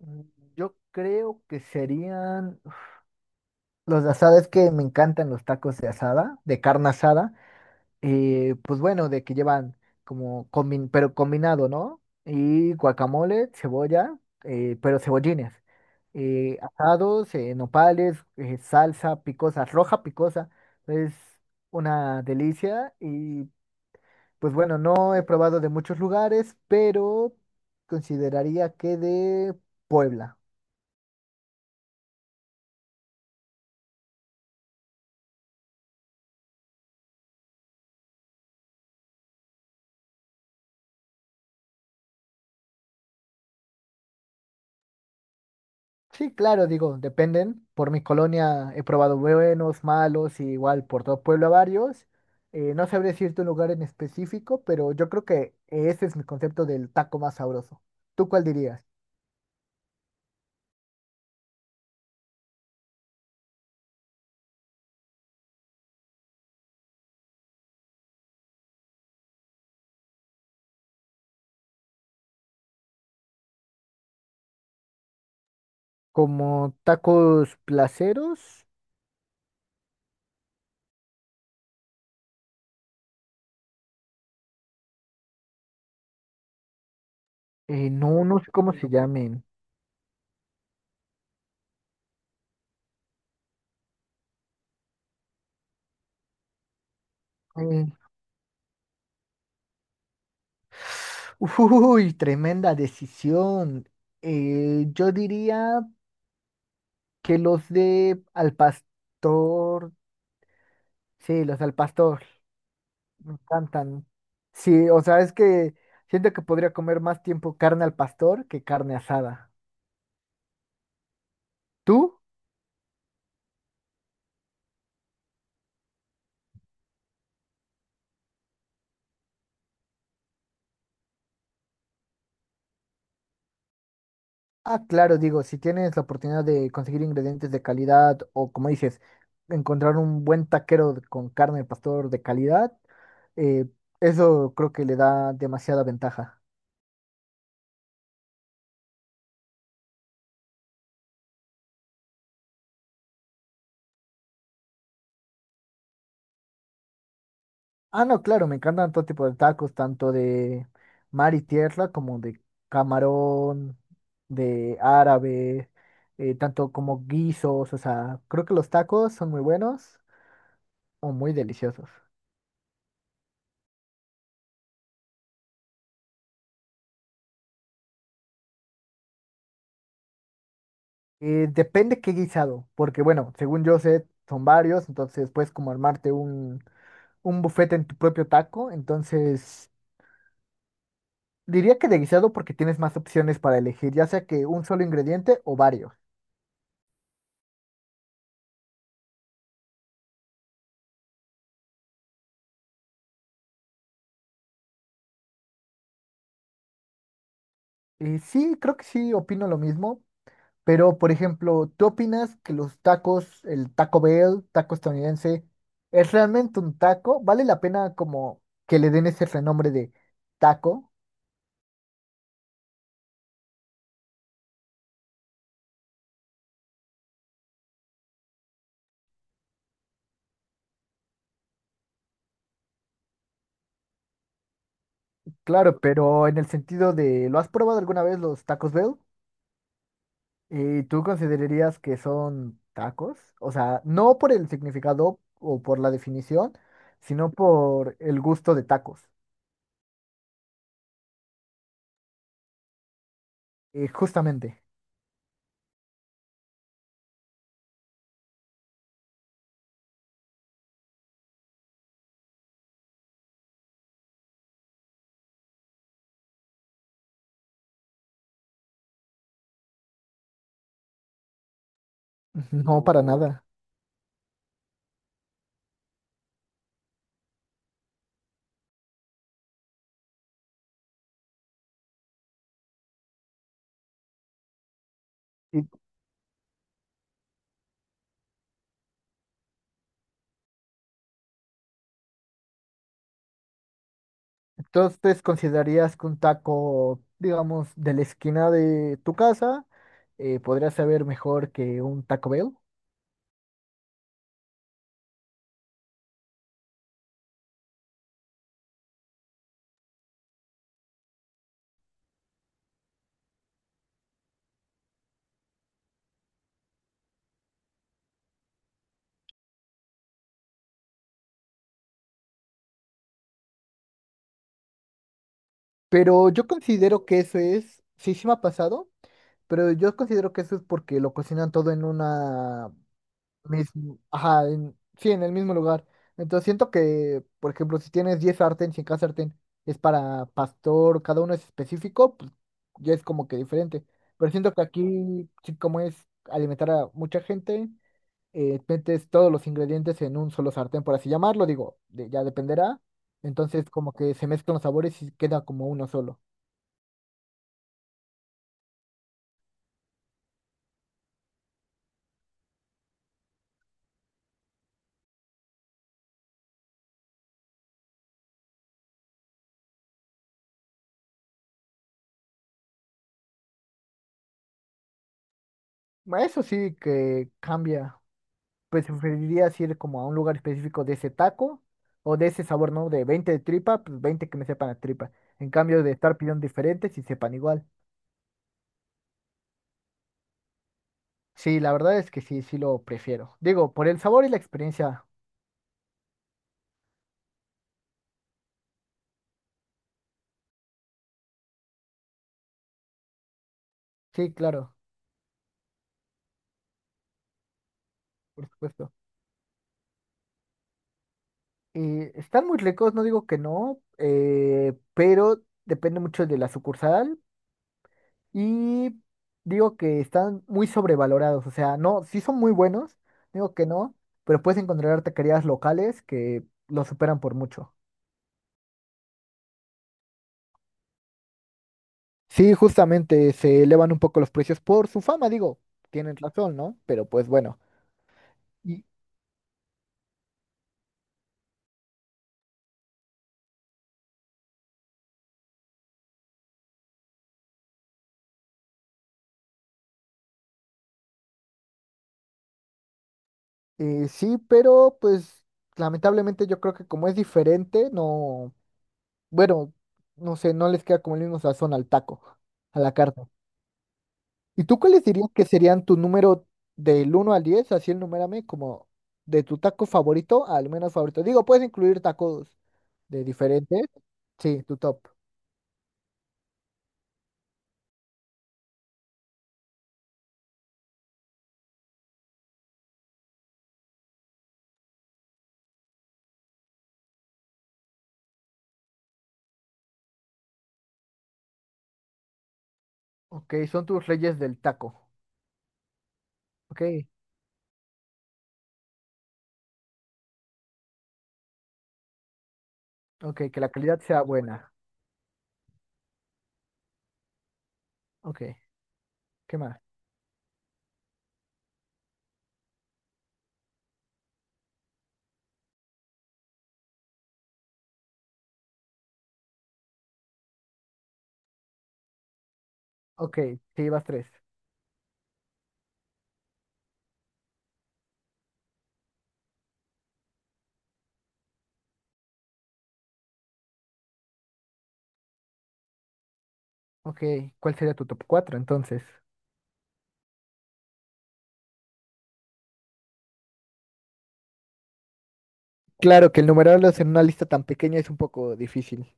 Mm, Yo creo que serían los de asada, es que me encantan los tacos de asada, de carne asada, pues bueno, de que llevan como, pero combinado, ¿no? Y guacamole, cebolla, pero cebollines, asados, nopales, salsa picosa, roja picosa, es una delicia y pues bueno, no he probado de muchos lugares, pero consideraría que de Puebla. Sí, claro, digo, dependen. Por mi colonia he probado buenos, malos, y igual por todo Puebla varios. No sabría decirte un lugar en específico, pero yo creo que ese es mi concepto del taco más sabroso. ¿Tú cuál dirías? Como tacos placeros, no, no sé cómo se llamen. Eh, uy, tremenda decisión. Yo diría que los de al pastor, sí, los al pastor. Me encantan. Sí, o sea, es que siento que podría comer más tiempo carne al pastor que carne asada. ¿Tú? Ah, claro, digo, si tienes la oportunidad de conseguir ingredientes de calidad o, como dices, encontrar un buen taquero con carne al pastor de calidad, eh, eso creo que le da demasiada ventaja. Ah, no, claro, me encantan todo tipo de tacos, tanto de mar y tierra como de camarón, de árabe, tanto como guisos, o sea, creo que los tacos son muy buenos o muy deliciosos. Depende qué guisado, porque bueno, según yo sé, son varios, entonces puedes como armarte un buffet en tu propio taco, entonces diría que de guisado porque tienes más opciones para elegir, ya sea que un solo ingrediente o varios. Y sí, creo que sí, opino lo mismo. Pero, por ejemplo, ¿tú opinas que los tacos, el Taco Bell, taco estadounidense, es realmente un taco? ¿Vale la pena como que le den ese renombre de taco? Claro, pero en el sentido de, ¿lo has probado alguna vez los tacos Bell? ¿Y tú considerarías que son tacos? O sea, no por el significado o por la definición, sino por el gusto de tacos. Justamente, no para No, nada. Entonces, ¿considerarías que un taco, digamos, de la esquina de tu casa podría saber mejor que un Taco Bell? Pero yo considero que eso es, sí, sí me ha pasado, pero yo considero que eso es porque lo cocinan todo en una misma, ajá, sí, en el mismo lugar. Entonces siento que, por ejemplo, si tienes 10 sartén, si cada sartén es para pastor, cada uno es específico, pues ya es como que diferente. Pero siento que aquí, sí, como es alimentar a mucha gente. Metes todos los ingredientes en un solo sartén, por así llamarlo, digo, ya dependerá. Entonces como que se mezclan los sabores y queda como uno solo. Bueno, eso sí que cambia. Pues preferirías ir como a un lugar específico de ese taco o de ese sabor, ¿no? De 20 de tripa, pues 20 que me sepan a tripa. En cambio de estar pidiendo diferentes y sepan igual. Sí, la verdad es que sí, sí lo prefiero. Digo, por el sabor y la experiencia. Sí, claro, por supuesto. Están muy ricos, no digo que no, pero depende mucho de la sucursal y digo que están muy sobrevalorados, o sea, no, sí son muy buenos, digo que no, pero puedes encontrar taquerías locales que los superan por mucho. Sí, justamente se elevan un poco los precios por su fama, digo, tienen razón, ¿no? Pero pues bueno. Y sí, pero pues lamentablemente yo creo que como es diferente, no. Bueno, no sé, no les queda como el mismo sazón al taco, a la carne. ¿Y tú cuáles dirías que serían tu número del uno al 10, así el numérame como de tu taco favorito al menos favorito. Digo, puedes incluir tacos de diferentes. Sí, tu top. Ok, son tus reyes del taco. Ok, ok, que la calidad sea buena. Ok, ¿qué más? Ok, te llevas tres. Ok, ¿cuál sería tu top 4 entonces? Claro que el numerarlos en una lista tan pequeña es un poco difícil.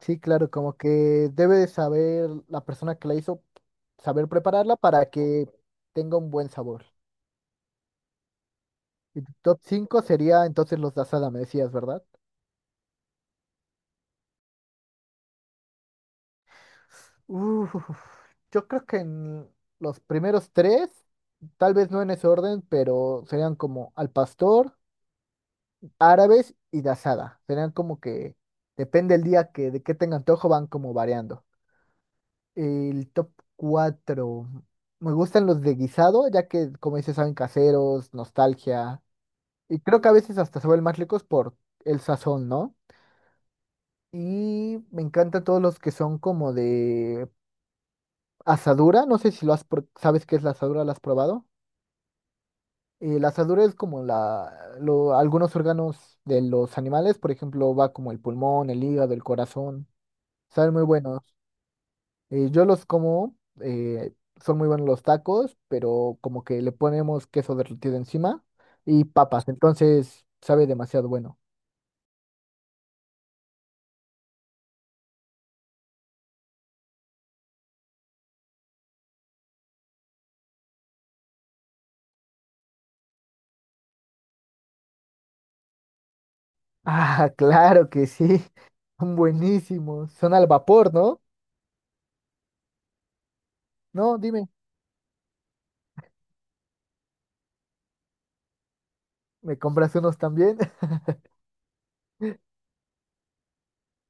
Sí, claro, como que debe de saber la persona que la hizo, saber prepararla para que tenga un buen sabor. Y tu top 5 sería entonces los de asada, me decías, ¿verdad? Uf, yo creo que en los primeros tres, tal vez no en ese orden, pero serían como al pastor, árabes y de asada. Serían como que, depende el día que de qué tenga antojo, van como variando. El top 4 me gustan los de guisado, ya que, como dices, saben caseros, nostalgia. Y creo que a veces hasta se vuelven más ricos por el sazón, ¿no? Y me encantan todos los que son como de asadura. No sé si lo has, sabes qué es la asadura, ¿la has probado? La asadura es como la, algunos órganos de los animales, por ejemplo, va como el pulmón, el hígado, el corazón. Saben muy buenos. Yo los como, eh, son muy buenos los tacos, pero como que le ponemos queso derretido encima y papas, entonces sabe demasiado bueno. Ah, claro que sí, son buenísimos, son al vapor, ¿no? No, dime, ¿me compras unos también?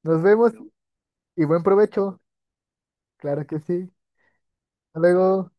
Nos vemos y buen provecho, claro que sí. Hasta luego.